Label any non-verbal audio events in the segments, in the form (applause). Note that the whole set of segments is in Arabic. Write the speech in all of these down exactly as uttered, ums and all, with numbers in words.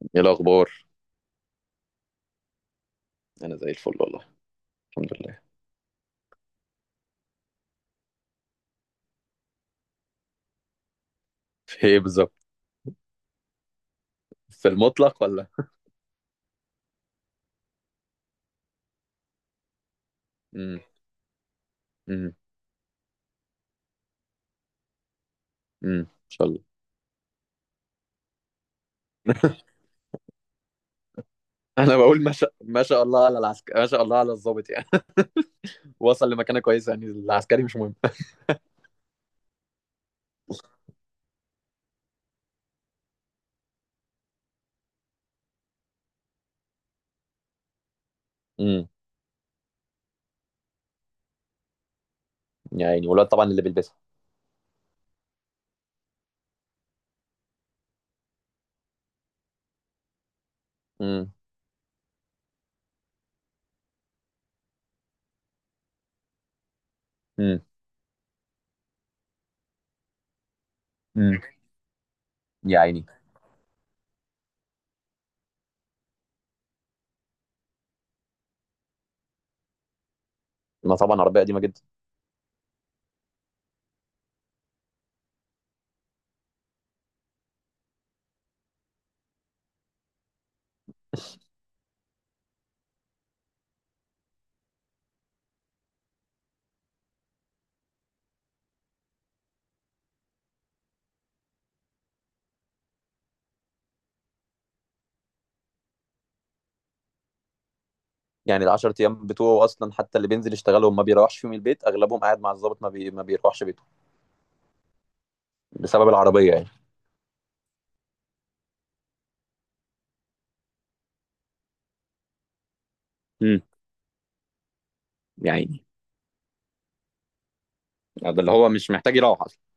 ايه الاخبار؟ انا زي الفل والله. الحمد لله. في ايه بالظبط؟ في المطلق ولا؟ امم. امم. امم. ان شاء الله. انا بقول ما شاء ما شاء الله على العسكري، ما شاء الله على الضابط يعني. (laughs) وصل لمكانه كويسه، يعني العسكري مش مهم. امم. يا عيني، والواد طبعا اللي بيلبسها. امم. امم. امم. يا عيني. ما طبعا عربيه قديمه جدا. يعني ال عشر ايام بتوعه اصلا حتى اللي بينزل يشتغلهم ما بيروحش فيهم البيت، اغلبهم قاعد مع الضابط، ما بي... ما بيروحش بيته بسبب العربيه يعني. امم. يا عيني. ده اللي هو مش محتاج يروح اصلا.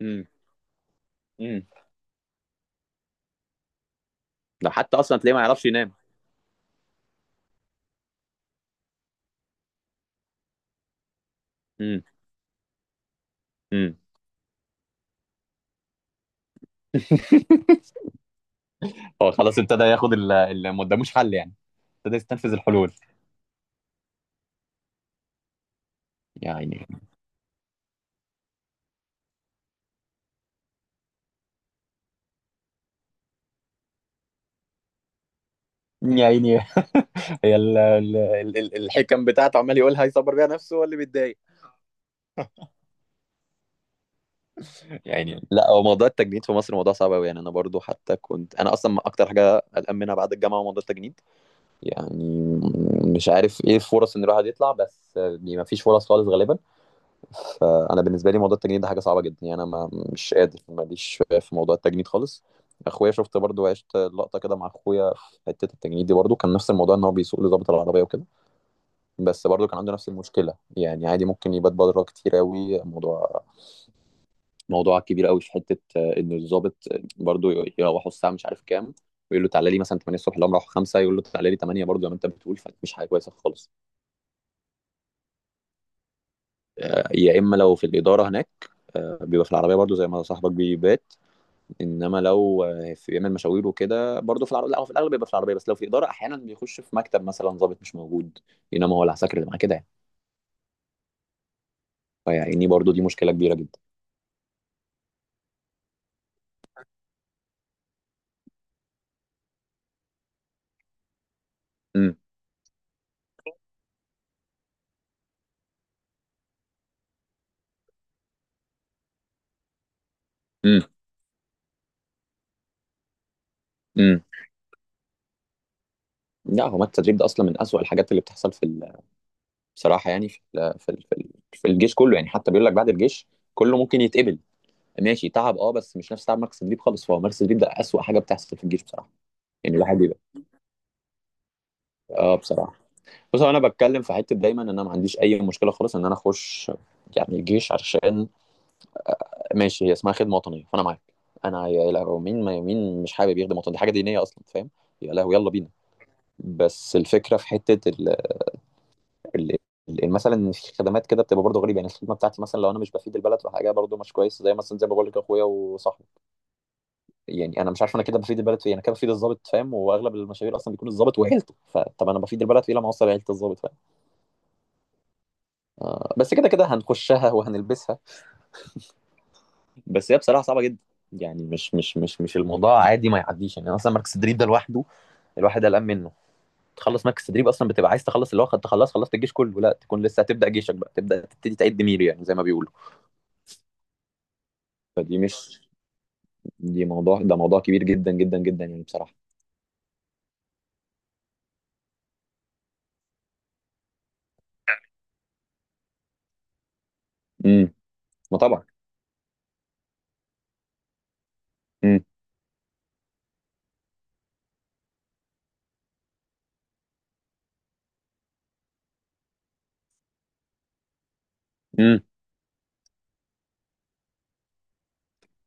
امم. امم. ده حتى اصلا تلاقيه ما يعرفش ينام. امم. امم. (laughs) هو خلاص ابتدى ياخد ال- اللي ما قداموش حل يعني. ابتدى يستنفذ الحلول. يا عيني. يا عيني. هي ال- ال- ال- ال- الحكم بتاعته، عمال يقولها يصبر بيها نفسه هو اللي بيتضايق. يعني لا، هو موضوع التجنيد في مصر موضوع صعب قوي. يعني انا برضو حتى كنت انا اصلا اكتر حاجه قلقان منها بعد الجامعه هو موضوع التجنيد. يعني مش عارف ايه الفرص ان الواحد يطلع، بس ما فيش فرص خالص غالبا. فانا بالنسبه لي موضوع التجنيد ده حاجه صعبه جدا يعني. انا ما مش قادر ماليش في موضوع التجنيد خالص. اخويا شفت برضو، عشت لقطه كده مع اخويا في حته التجنيد دي. برضو كان نفس الموضوع ان هو بيسوق لضابط العربيه وكده. بس برضو كان عنده نفس المشكله. يعني عادي ممكن يبات بره كتير قوي. موضوع موضوع كبير قوي في حته، آه، ان الضابط برضو يروحوا الساعه مش عارف كام، ويقول له تعالى لي مثلا تمانية الصبح. لو راحوا خمسة يقول له تعالى لي تمانية برضو، زي ما انت بتقول. فمش حاجه كويسه خالص. آه، يا اما لو في الاداره هناك، آه، بيبقى في العربيه برضو زي ما صاحبك بيبات. انما لو آه، في بيعمل مشاوير وكده برضه في العربيه. لا، هو في الاغلب بيبقى في العربيه، بس لو في اداره احيانا بيخش في مكتب مثلا ضابط مش موجود، انما هو العساكر اللي معاه كده يعني. فيعني برضه دي مشكله كبيره جدا. امم. امم. امم. لا، هو مات التدريب ده اصلا من اسوأ الحاجات اللي بتحصل في ال- بصراحه. يعني في ال في ال في, ال في الجيش كله. يعني حتى بيقول لك بعد الجيش كله ممكن يتقبل. ماشي، تعب اه، بس مش نفس تعب مركز التدريب خالص. فهو مركز التدريب ده اسوأ حاجه بتحصل في الجيش بصراحه. يعني الواحد بيبقى. اه بصراحه. بص، هو انا بتكلم في حته دايما ان انا ما عنديش اي مشكله خالص ان انا اخش يعني الجيش، عشان ماشي هي اسمها خدمه وطنيه فانا معاك. انا يا لهوي، مين ما مين مش حابب يخدم وطن؟ دي حاجه دينيه اصلا فاهم. يا لهوي يلا بينا. بس الفكره في حته ال... ال... ال- مثلا إن في خدمات كده بتبقى برضه غريبه. يعني الخدمه بتاعتي مثلا لو انا مش بفيد البلد في حاجه برضه مش كويس، زي مثلا زي ما بقول لك اخويا وصاحبي. يعني انا مش عارف انا كده بفيد البلد في إيه. انا كده بفيد الضابط فاهم، واغلب المشاوير اصلا بيكون الضابط وعيلته. فطب انا بفيد البلد في ايه لما اوصل عيله الضابط فاهم. بس كده كده هنخشها وهنلبسها. بس هي بصراحه صعبه جدا. يعني مش مش مش مش الموضوع عادي ما يعديش يعني. اصلا مركز تدريب ده لوحده الواحد قلقان منه. تخلص مركز تدريب اصلا بتبقى عايز تخلص، اللي هو خدت تخلص خلصت الجيش كله، لا تكون لسه هتبدا جيشك بقى. تبدا تبتدي تعد ميري يعني زي ما بيقولوا. فدي مش، دي موضوع، ده موضوع كبير جدا جدا جدا يعني بصراحه. امم. ما طبعا. امم. امم.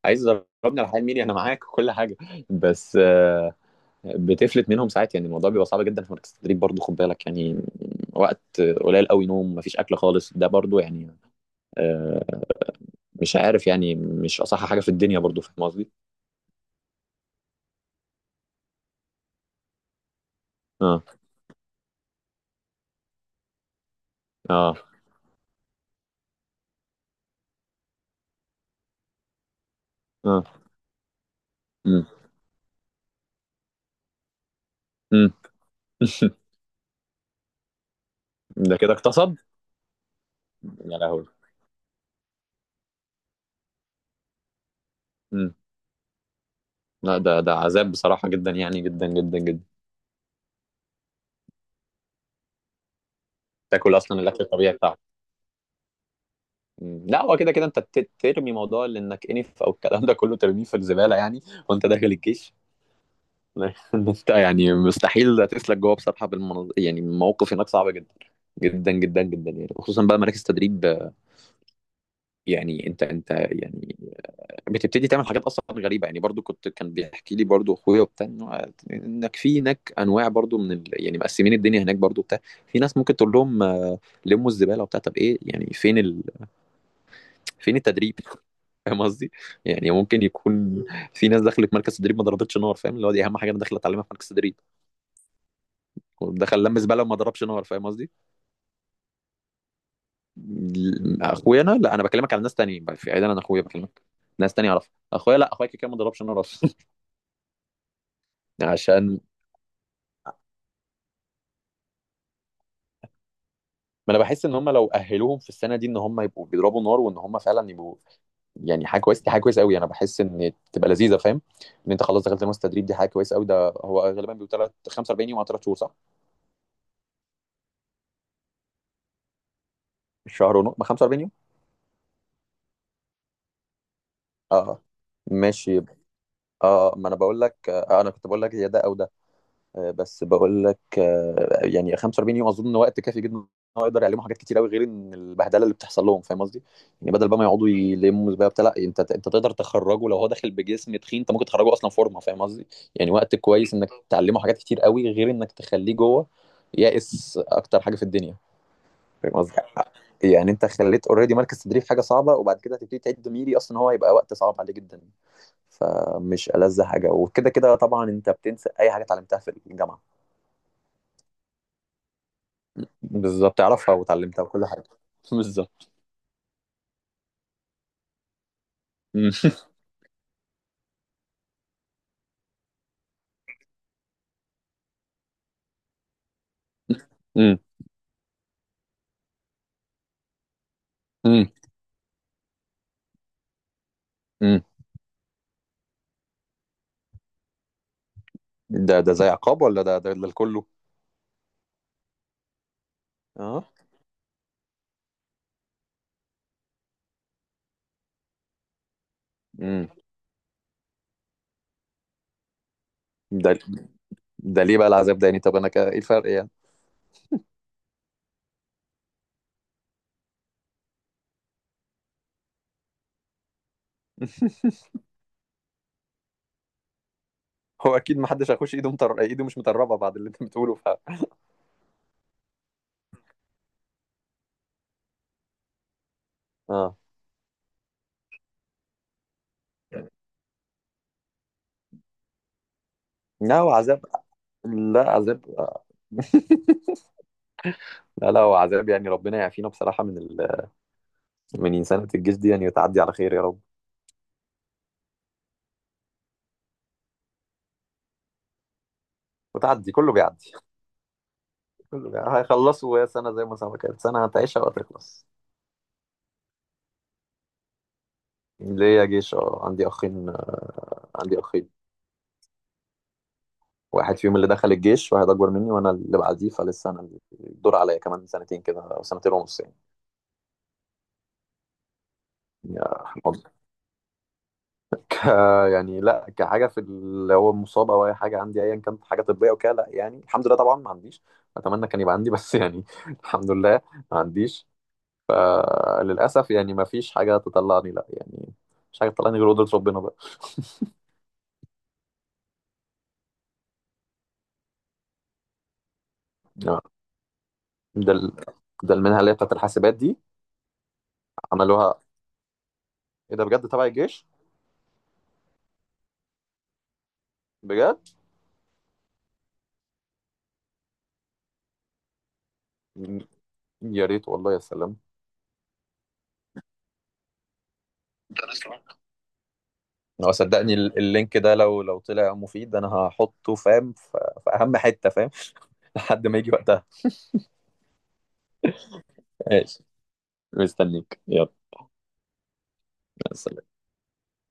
عايز ضربني على حال ميري، انا معاك وكل حاجه. بس آه، بتفلت منهم ساعات. يعني الموضوع بيبقى صعب جدا في مركز التدريب برضه، خد بالك يعني. وقت قليل قوي نوم، مفيش اكل خالص، ده برضه يعني آه، مش عارف يعني، مش أصح حاجة في الدنيا برضه فاهم قصدي؟ آه. آه. آه. إمم. إمم. (laughs) ده كده اغتصب؟ يا لهوي! إمم. لأ، ده ده عذاب بصراحة جدًا يعني، جدًا، جدًا، جدًا. تاكل أصلًا الأكل الطبيعي بتاعهم. إمم. لأ، هو كده، كده أنت ت ترمي موضوع لإنك أنف أو الكلام ده كله ترميه في الزبالة يعني. وأنت داخل الجيش. (laughs) إن أنت يعني مستحيل هتسلك جوه بصراحة بالمناظ. يعني المواقف هناك صعبة جدًا، جدًا، جدًا، جدًا يعني. وخصوصًا بقى مراكز تدريب، آه، يعني أنت أنت يعني بتبتدي تعمل حاجات اصلا غريبه. يعني برضو كنت كان بيحكي لي برضو اخويا وبتاع إنه- انك في هناك انواع برضو من ال... يعني مقسمين الدنيا هناك برضو بتاع. في ناس ممكن تقول لهم آه، لموا الزباله وبتاع. طب ايه يعني؟ فين ال... فين التدريب؟ (laughs) فاهم قصدي. يعني ممكن يكون في ناس دخلت مركز تدريب ما ضربتش نار فاهم، اللي هو دي اهم حاجه انا داخل اتعلمها في مركز تدريب، ودخل لم زباله وما ضربش نار فاهم قصدي. ال- اخويا انا، لا، انا بكلمك على ناس تانية في عيد، انا اخويا بكلمك. ناس تانية اعرفها، اخويا لا، اخويا كده كده ما ضربش نار اصلا. (laughs) عشان ما انا بحس ان هم لو اهلوهم في السنه دي ان هم يبقوا بيضربوا نار، وان هم فعلا يبقوا يعني حاجه كويسه. دي حاجه كويسه قوي، انا بحس ان تبقى لذيذه فاهم ان انت خلاص دخلت المستر تدريب دي حاجه كويسه قوي. ده هو غالبا بيبقى تلات- خمسة واربعين يوم او تلاتة شهور صح؟ شهر ونص، ما خمسة واربعين يوم؟ اه. آه. ماشي. اه، ما انا بقول لك آه انا كنت بقول لك يا ده او ده. آه، بس بقول لك، آه، يعني خمسة واربعين يوم اظن وقت كافي جدا ان هو يقدر يعلمهم حاجات كتير قوي، غير ان البهدله اللي بتحصل لهم فاهم قصدي؟ يعني بدل بقى ما يقعدوا يلموا بقى بتاع، لا انت انت تقدر تخرجه، لو هو داخل بجسم تخين انت ممكن تخرجه اصلا فورمه فاهم قصدي؟ يعني وقت كويس انك تعلمه حاجات كتير قوي، غير انك تخليه جوه يائس اكتر حاجه في الدنيا فاهم قصدي؟ يعني انت خليت اوريدي مركز تدريب حاجه صعبه، وبعد كده هتبتدي تعد ميري، اصلا هو هيبقى وقت صعب عليه جدا. فمش ألذ حاجه. وكده كده طبعا انت بتنسى اي حاجه اتعلمتها في الجامعه. بالظبط تعرفها وتعلمتها وكل حاجة. (laughs) بالظبط. مم. مم. مم. مم. ده ده زي عقاب ولا ده ده للكله؟ اه. مم. ده ده ليه بقى العذاب ده؟ يعني طب انا كا- ايه الفرق يعني؟ (laughs) هو اكيد ما حدش هيخش ايده مطر... ايده مش مطربه بعد اللي انت بتقوله ف اه. لا هو عذاب. لا عذاب آه. (laughs) لا لا، هو عذاب. يعني ربنا يعافينا بصراحه من ال... من انسانه الجيش دي، يعني وتعدي على خير يا رب. وتعدي، كله بيعدي. كله بيعدي. هيخلصوا يا سنه، زي ما سنه كانت سنه هتعيشها وهتخلص. ليا جيش، اه، عندي اخين. عندي اخين. واحد فيهم اللي دخل الجيش، واحد اكبر مني وانا اللي بعديه، فلسه انا الدور عليا كمان سنتين كده او سنتين ونص يعني. يا حفظ. (laughs) ك... يعني لا، كحاجه في اللي هو مصاب او اي حاجه عندي ايا كانت حاجه طبيه وكده لا، يعني الحمد لله طبعا ما عنديش. اتمنى كان يبقى عندي بس يعني (laughs) الحمد لله، ما عنديش. آه، للاسف يعني ما فيش حاجه تطلعني لا يعني، مش حاجه تطلعني غير قدره ربنا بقى. آه، ده ال... ده المنحه اللي هي بتاعت الحاسبات دي. عملوها؟ ايه ده بجد؟ تبع الجيش؟ بجد؟ يا ريت والله، يا سلام. هو صدقني ال- اللينك ده لو لو طلع مفيد انا هحطه فاهم في في اهم حتة فاهم. (laughs) لحد ما يجي وقتها. ماشي. مستنيك، يلا مع السلامة.